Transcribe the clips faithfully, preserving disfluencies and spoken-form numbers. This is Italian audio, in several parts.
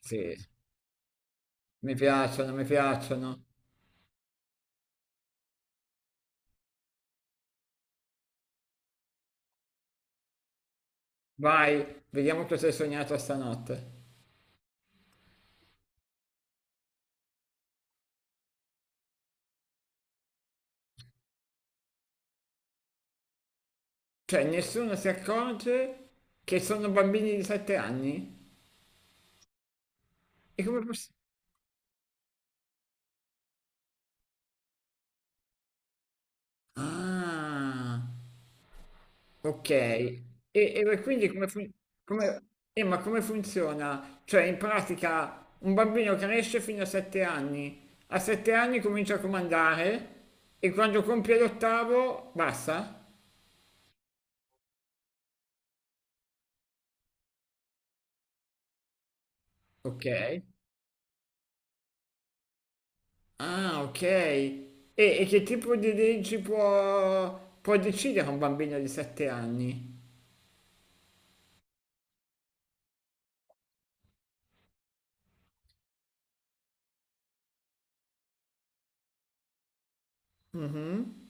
Sì, mi piacciono, mi piacciono. Vai, vediamo cosa hai sognato stanotte. Cioè, nessuno si accorge che sono bambini di sette anni? E come posso... Ah, ok. E, e quindi come, fun- come- eh, ma come funziona? Cioè, in pratica, un bambino cresce fino a sette anni. A sette anni comincia a comandare e quando compie l'ottavo, basta? Ok. Ah, ok. E, e che tipo di leggi può, può decidere un bambino di sette anni? Mhm.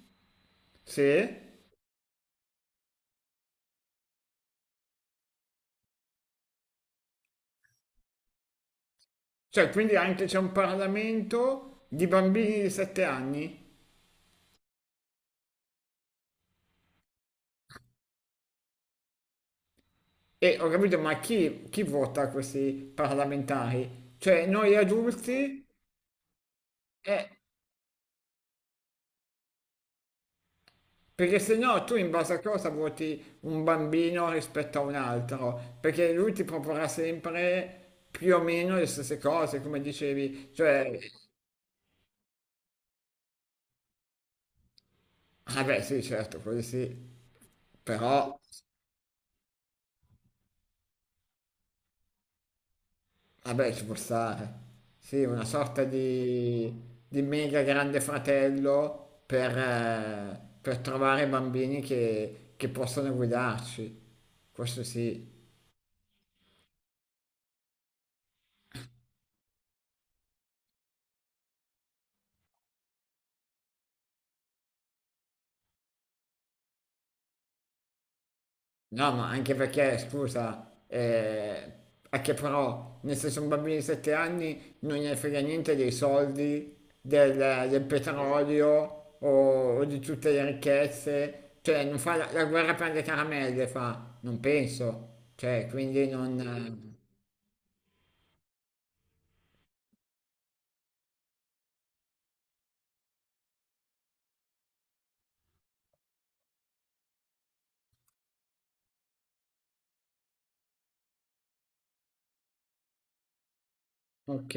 Sì? Cioè, quindi anche c'è un Parlamento di bambini di sette anni? E ho capito, ma chi, chi vota questi parlamentari? Cioè, noi adulti? Eh, perché se no tu in base a cosa voti un bambino rispetto a un altro? Perché lui ti proporrà sempre più o meno le stesse cose, come dicevi. Cioè, ah beh, sì, certo, quelli sì. Però, vabbè, ci può stare. Sì, una sorta di, di mega grande fratello per, eh, per trovare bambini che, che possono guidarci. Questo sì. No, ma anche perché, scusa, eh, è che però, nel senso, un bambino di sette anni non gli frega niente dei soldi, del, del petrolio o, o di tutte le ricchezze, cioè non fa la, la guerra per le caramelle, fa, non penso, cioè, quindi non... eh, ok.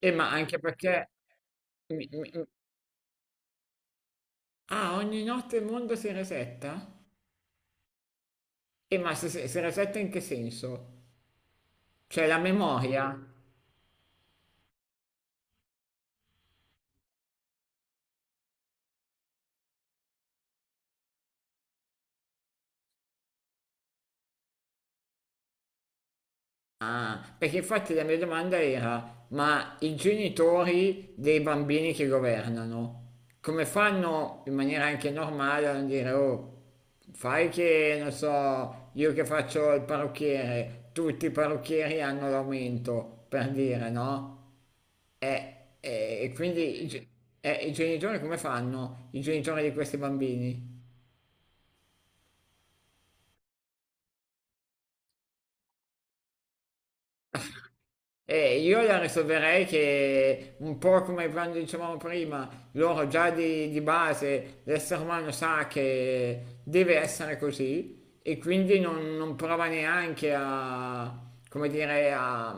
E ma anche perché... mi- mi- mi- ah, ogni notte il mondo si resetta? E ma si, si si resetta in che senso? Cioè la memoria? Ah, perché infatti la mia domanda era, ma i genitori dei bambini che governano, come fanno in maniera anche normale a non dire, oh, fai che, non so, io che faccio il parrucchiere, tutti i parrucchieri hanno l'aumento, per dire, no? E, e- e quindi i, ge- e i genitori come fanno? I genitori di questi bambini? Eh, io la risolverei che un po' come quando dicevamo prima, loro già di, di base, l'essere umano sa che deve essere così e quindi non, non prova neanche a, come dire, a,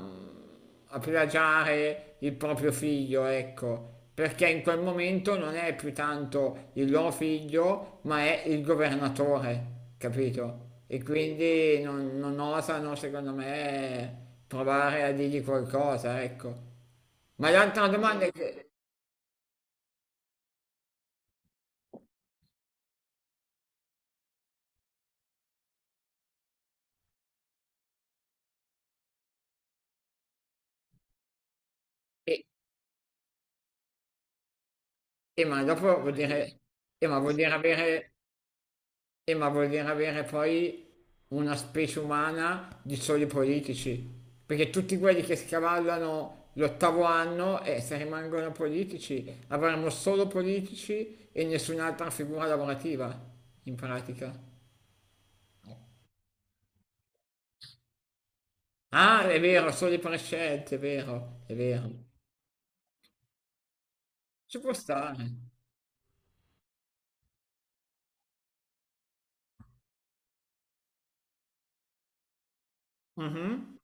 a plagiare il proprio figlio, ecco perché in quel momento non è più tanto il loro figlio, ma è il governatore, capito? E quindi non, non osano, secondo me, provare a dirgli qualcosa, ecco. Ma l'altra domanda è che... E, e ma dopo vuol dire... E ma vuol dire avere Eh, ma vuol dire avere poi una specie umana di soli politici, perché tutti quelli che scavallano l'ottavo anno e eh, se rimangono politici avremo solo politici e nessun'altra figura lavorativa, in pratica. Ah, è vero, solo i prescelti, è vero, è vero. Ci può stare. Mhm.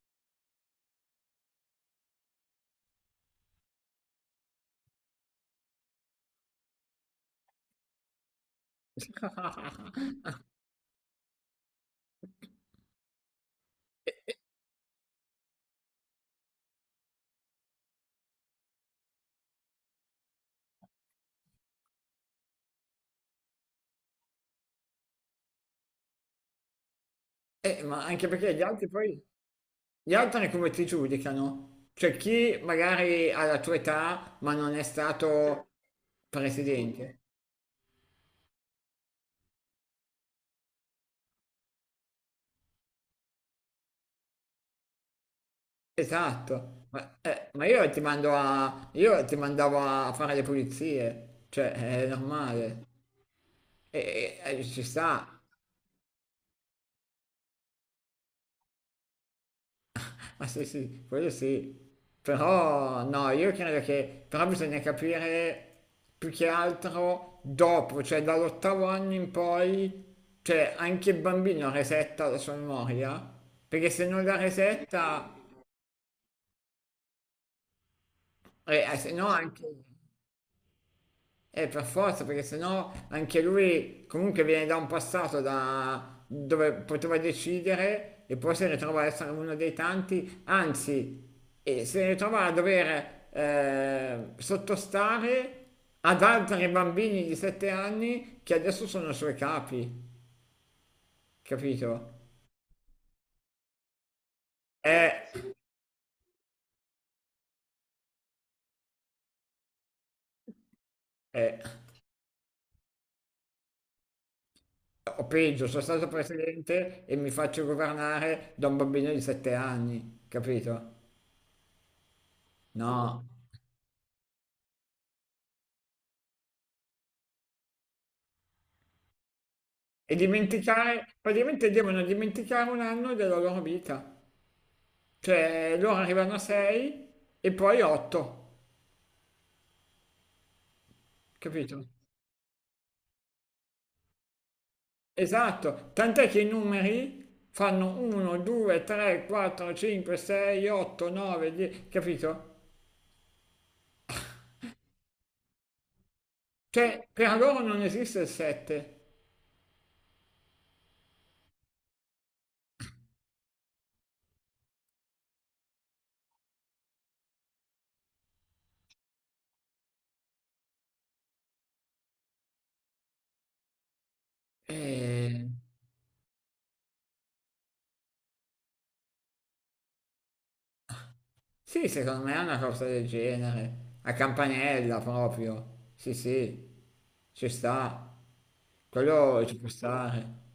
Eh, ma anche perché gli altri poi Gli altri come ti giudicano? Cioè chi magari ha la tua età ma non è stato presidente? Esatto, ma, eh, ma io ti mando a, io ti mandavo a fare le pulizie, cioè è normale, e, e- e ci sta. Ah, sì, sì, quello sì. Però no, io credo che però bisogna capire più che altro dopo, cioè dall'ottavo anno in poi, cioè anche il bambino resetta la sua memoria, perché se non la resetta, eh, eh, se no anche... Eh, per forza, perché sennò anche lui comunque viene da un passato da dove poteva decidere e poi si ritrova a essere uno dei tanti, anzi, e si ritrova a dover eh, sottostare ad altri bambini di sette anni che adesso sono i suoi capi, capito? Eh, eh, o peggio, sono stato presidente e mi faccio governare da un bambino di sette anni, capito? No. E dimenticare, praticamente devono dimenticare un anno della loro vita. Cioè, loro arrivano a sei e poi otto, capito? Esatto, tant'è che i numeri fanno uno, due, tre, quattro, cinque, sei, otto, nove, dieci, capito? Cioè, per loro non esiste il sette. Eh, sì, secondo me è una cosa del genere, a campanella proprio. Sì, sì, ci sta. Quello ci può stare.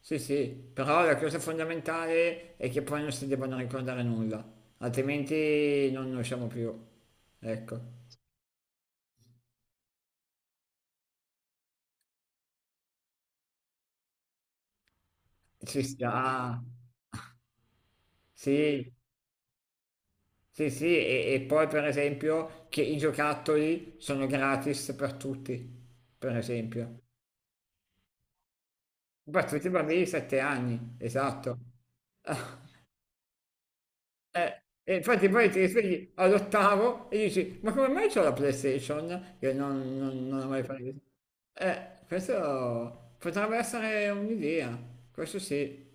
Sì, sì, però la cosa fondamentale è che poi non si debbano ricordare nulla, altrimenti non ne usciamo più. Ecco, ci sta. Sì, sì, sì, e, e poi per esempio che i giocattoli sono gratis per tutti, per esempio. Per tutti i bambini di sette anni, esatto. Eh, e infatti poi ti svegli all'ottavo e dici, ma come mai c'ho la PlayStation? Che non, non, non ho mai preso. Eh, questo potrebbe essere un'idea, questo sì.